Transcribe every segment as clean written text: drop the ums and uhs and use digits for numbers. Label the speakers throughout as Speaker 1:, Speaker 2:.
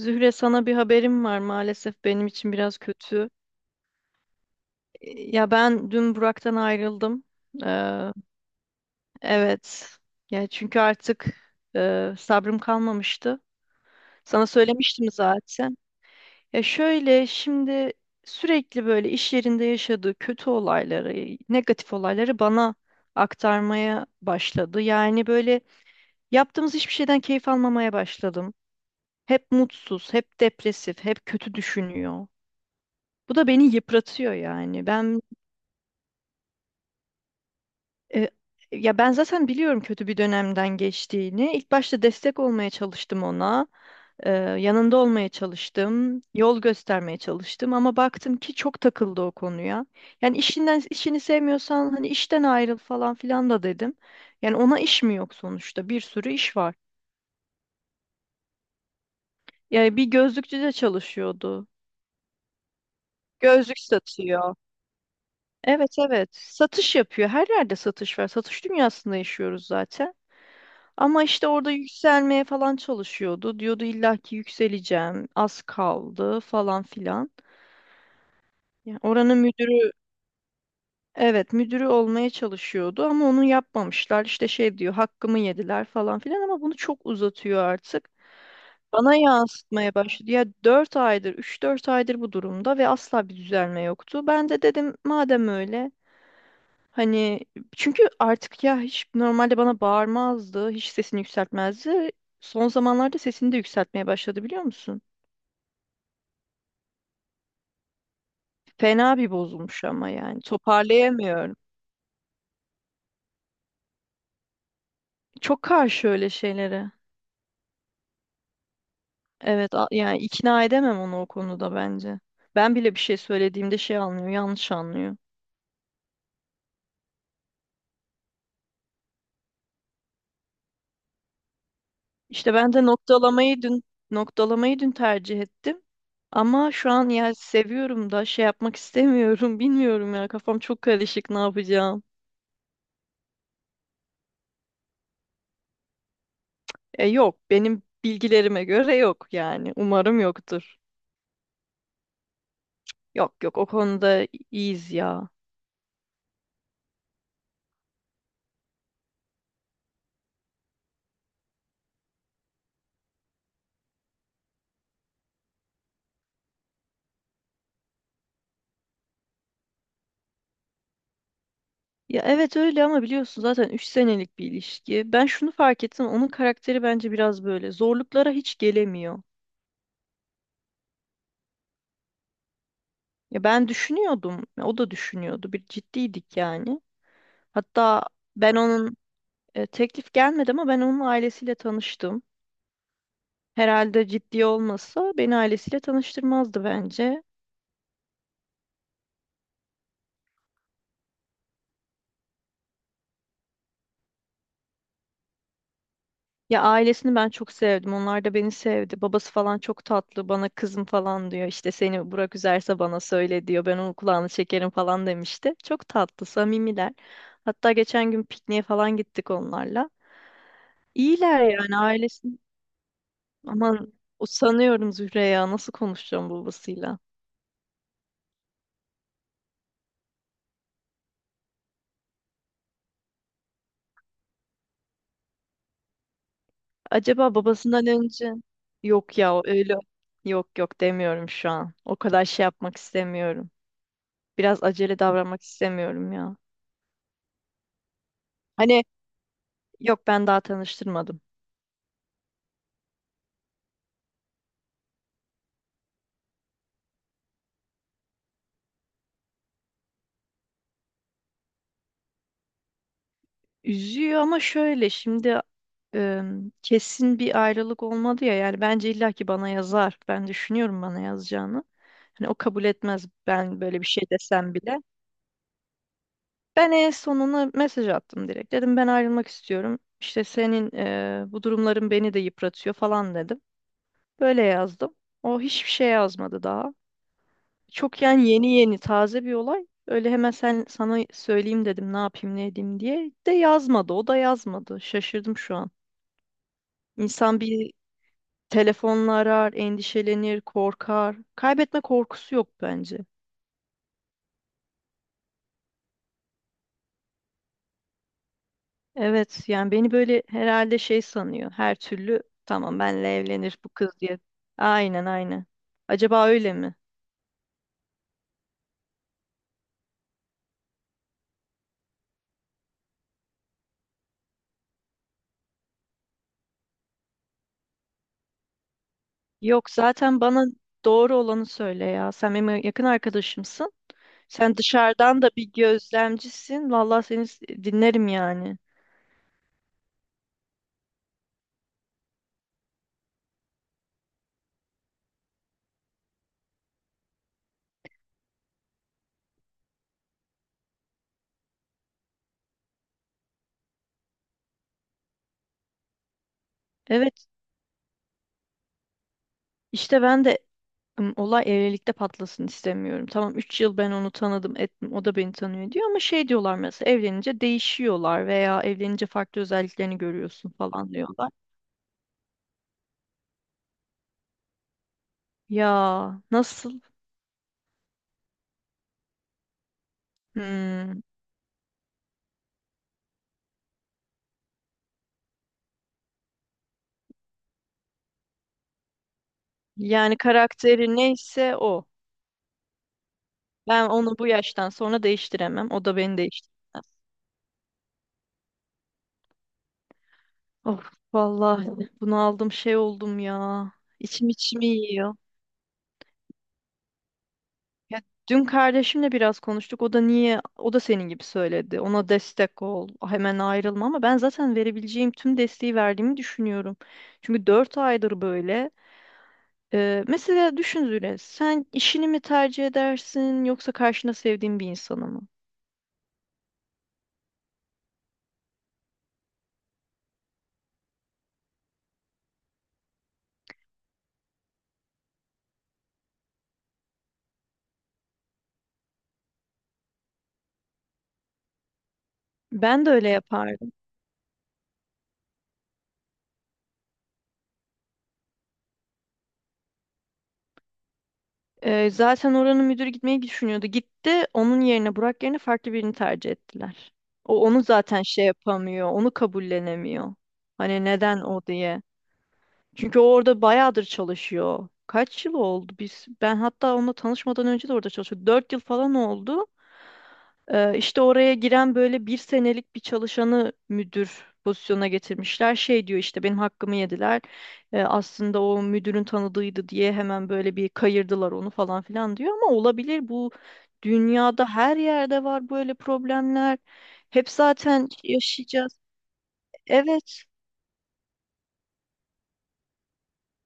Speaker 1: Zühre sana bir haberim var maalesef benim için biraz kötü. E, Ya ben dün Burak'tan ayrıldım. Ee, evet. Ya çünkü artık sabrım kalmamıştı. Sana söylemiştim zaten. Ya şöyle şimdi sürekli böyle iş yerinde yaşadığı kötü olayları, negatif olayları bana aktarmaya başladı. Yani böyle yaptığımız hiçbir şeyden keyif almamaya başladım. Hep mutsuz, hep depresif, hep kötü düşünüyor. Bu da beni yıpratıyor yani. E, Ya ben zaten biliyorum kötü bir dönemden geçtiğini. İlk başta destek olmaya çalıştım ona. E, Yanında olmaya çalıştım. Yol göstermeye çalıştım ama baktım ki çok takıldı o konuya. Yani işinden işini sevmiyorsan hani işten ayrıl falan filan da dedim. Yani ona iş mi yok sonuçta? Bir sürü iş var. Yani bir gözlükçü de çalışıyordu. Gözlük satıyor. Evet, evet. Satış yapıyor. Her yerde satış var. Satış dünyasında yaşıyoruz zaten. Ama işte orada yükselmeye falan çalışıyordu. Diyordu illa ki yükseleceğim, az kaldı falan filan. Yani oranın müdürü, evet müdürü olmaya çalışıyordu ama onu yapmamışlar. İşte şey diyor hakkımı yediler falan filan ama bunu çok uzatıyor artık. Bana yansıtmaya başladı. Ya 4 aydır, 3-4 aydır bu durumda ve asla bir düzelme yoktu. Ben de dedim madem öyle. Hani çünkü artık ya hiç normalde bana bağırmazdı, hiç sesini yükseltmezdi. Son zamanlarda sesini de yükseltmeye başladı biliyor musun? Fena bir bozulmuş ama yani toparlayamıyorum. Çok karşı öyle şeylere. Evet, yani ikna edemem onu o konuda bence. Ben bile bir şey söylediğimde şey anlıyor, yanlış anlıyor. İşte ben de noktalamayı dün tercih ettim. Ama şu an ya seviyorum da şey yapmak istemiyorum. Bilmiyorum ya kafam çok karışık ne yapacağım. Yok benim bilgilerime göre yok yani. Umarım yoktur. Yok, yok, o konuda iyiyiz ya. Ya evet öyle ama biliyorsun zaten 3 senelik bir ilişki. Ben şunu fark ettim onun karakteri bence biraz böyle zorluklara hiç gelemiyor. Ya ben düşünüyordum o da düşünüyordu bir ciddiydik yani. Hatta ben onun teklif gelmedi ama ben onun ailesiyle tanıştım. Herhalde ciddi olmasa beni ailesiyle tanıştırmazdı bence. Ya ailesini ben çok sevdim. Onlar da beni sevdi. Babası falan çok tatlı. Bana kızım falan diyor. İşte seni Burak üzerse bana söyle diyor. Ben onun kulağını çekerim falan demişti. Çok tatlı, samimiler. Hatta geçen gün pikniğe falan gittik onlarla. İyiler yani ailesi. Aman sanıyorum Zühre ya nasıl konuşacağım babasıyla. Acaba babasından önce yok ya o öyle. Yok, yok, demiyorum şu an. O kadar şey yapmak istemiyorum. Biraz acele davranmak istemiyorum ya. Hani yok ben daha tanıştırmadım. Üzüyor ama şöyle şimdi e, kesin bir ayrılık olmadı ya yani bence illaki bana yazar. Ben düşünüyorum bana yazacağını. Hani o kabul etmez ben böyle bir şey desem bile. Ben en sonuna mesaj attım direkt. Dedim ben ayrılmak istiyorum. İşte senin bu durumların beni de yıpratıyor falan dedim. Böyle yazdım. O hiçbir şey yazmadı daha. Çok yani yeni yeni taze bir olay. Öyle hemen sen sana söyleyeyim dedim ne yapayım ne edeyim diye. De yazmadı. O da yazmadı. Şaşırdım şu an. İnsan bir telefonla arar, endişelenir, korkar. Kaybetme korkusu yok bence. Evet yani beni böyle herhalde şey sanıyor. Her türlü tamam benle evlenir bu kız diye. Aynen, aynen. Acaba öyle mi? Yok zaten bana doğru olanı söyle ya. Sen benim yakın arkadaşımsın. Sen dışarıdan da bir gözlemcisin. Vallahi seni dinlerim yani. Evet, işte ben de olay evlilikte patlasın istemiyorum. Tamam 3 yıl ben onu tanıdım, ettim. O da beni tanıyor diyor ama şey diyorlar mesela evlenince değişiyorlar veya evlenince farklı özelliklerini görüyorsun falan diyorlar. Ya nasıl? Hmm. Yani karakteri neyse o. Ben onu bu yaştan sonra değiştiremem. O da beni değiştiremez. Of vallahi bunaldım şey oldum ya. İçim içimi yiyor. Ya dün kardeşimle biraz konuştuk. O da niye, o da senin gibi söyledi. Ona destek ol, hemen ayrılma ama ben zaten verebileceğim tüm desteği verdiğimi düşünüyorum. Çünkü 4 aydır böyle. Mesela düşün Züre, sen işini mi tercih edersin yoksa karşında sevdiğin bir insanı mı? Ben de öyle yapardım. Zaten oranın müdürü gitmeyi düşünüyordu. Gitti, onun yerine Burak yerine farklı birini tercih ettiler. O onu zaten şey yapamıyor, onu kabullenemiyor. Hani neden o diye. Çünkü o orada bayağıdır çalışıyor. Kaç yıl oldu? Biz ben hatta onunla tanışmadan önce de orada çalışıyordu. 4 yıl falan oldu. İşte oraya giren böyle bir senelik bir çalışanı müdür pozisyonuna getirmişler. Şey diyor işte benim hakkımı yediler. Aslında o müdürün tanıdığıydı diye hemen böyle bir kayırdılar onu falan filan diyor. Ama olabilir bu dünyada her yerde var böyle problemler. Hep zaten yaşayacağız. Evet.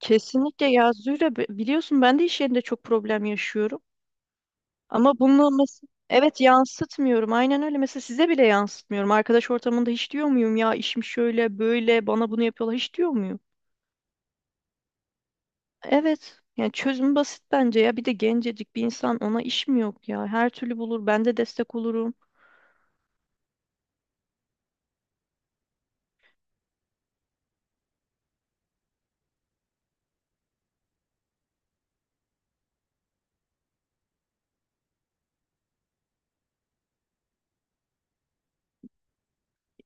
Speaker 1: Kesinlikle ya Zühre, biliyorsun ben de iş yerinde çok problem yaşıyorum. Ama bunu mesela evet yansıtmıyorum. Aynen öyle. Mesela size bile yansıtmıyorum. Arkadaş ortamında hiç diyor muyum ya işim şöyle böyle bana bunu yapıyorlar hiç diyor muyum? Evet. Yani çözüm basit bence ya. Bir de gencecik bir insan ona iş mi yok ya? Her türlü bulur. Ben de destek olurum.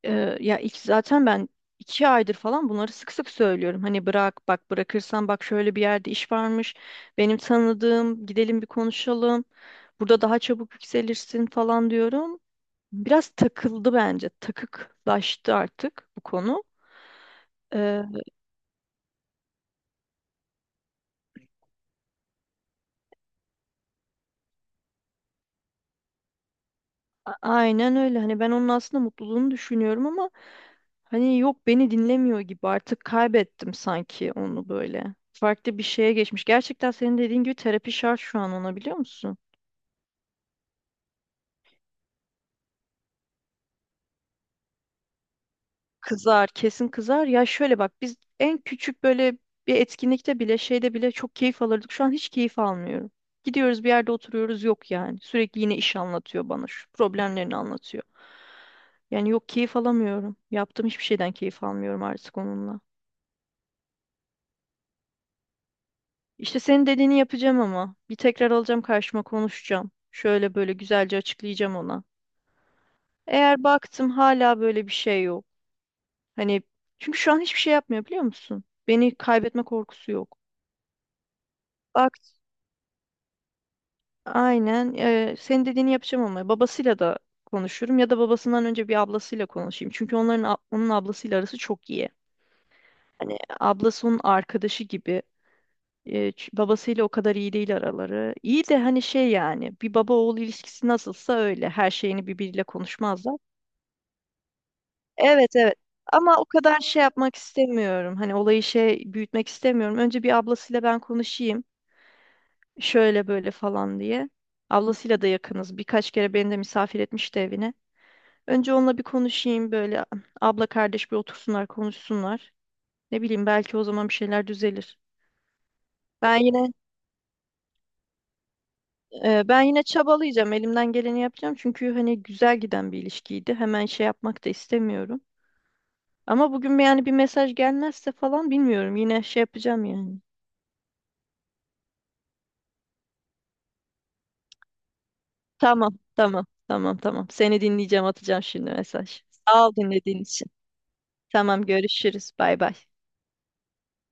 Speaker 1: Ya ilk zaten ben 2 aydır falan bunları sık sık söylüyorum. Hani bırak bak bırakırsan bak şöyle bir yerde iş varmış. Benim tanıdığım gidelim bir konuşalım. Burada daha çabuk yükselirsin falan diyorum. Biraz takıldı bence. Takıklaştı artık bu konu. Eee, aynen öyle. Hani ben onun aslında mutluluğunu düşünüyorum ama hani yok beni dinlemiyor gibi artık kaybettim sanki onu böyle. Farklı bir şeye geçmiş. Gerçekten senin dediğin gibi terapi şart şu an ona biliyor musun? Kızar, kesin kızar. Ya şöyle bak biz en küçük böyle bir etkinlikte bile şeyde bile çok keyif alırdık. Şu an hiç keyif almıyorum. Gidiyoruz bir yerde oturuyoruz yok yani. Sürekli yine iş anlatıyor bana şu problemlerini anlatıyor. Yani yok keyif alamıyorum. Yaptığım hiçbir şeyden keyif almıyorum artık onunla. İşte senin dediğini yapacağım ama bir tekrar alacağım karşıma konuşacağım. Şöyle böyle güzelce açıklayacağım ona. Eğer baktım hala böyle bir şey yok. Hani çünkü şu an hiçbir şey yapmıyor biliyor musun? Beni kaybetme korkusu yok. Bak aynen senin dediğini yapacağım ama babasıyla da konuşurum ya da babasından önce bir ablasıyla konuşayım. Çünkü onun ablasıyla arası çok iyi. Hani ablası onun arkadaşı gibi. Babasıyla o kadar iyi değil araları. İyi de hani şey yani bir baba oğul ilişkisi nasılsa öyle. Her şeyini birbiriyle konuşmazlar. Evet, evet. Ama o kadar şey yapmak istemiyorum. Hani olayı şey büyütmek istemiyorum. Önce bir ablasıyla ben konuşayım. Şöyle böyle falan diye. Ablasıyla da yakınız. Birkaç kere beni de misafir etmişti evine. Önce onunla bir konuşayım böyle abla kardeş bir otursunlar konuşsunlar. Ne bileyim belki o zaman bir şeyler düzelir. Ben yine Ben yine çabalayacağım. Elimden geleni yapacağım. Çünkü hani güzel giden bir ilişkiydi. Hemen şey yapmak da istemiyorum. Ama bugün yani bir mesaj gelmezse falan bilmiyorum. Yine şey yapacağım yani. Tamam, tamam, tamam, tamam. Seni dinleyeceğim, atacağım şimdi mesaj. Sağ ol dinlediğin için. Tamam, görüşürüz. Bay bay.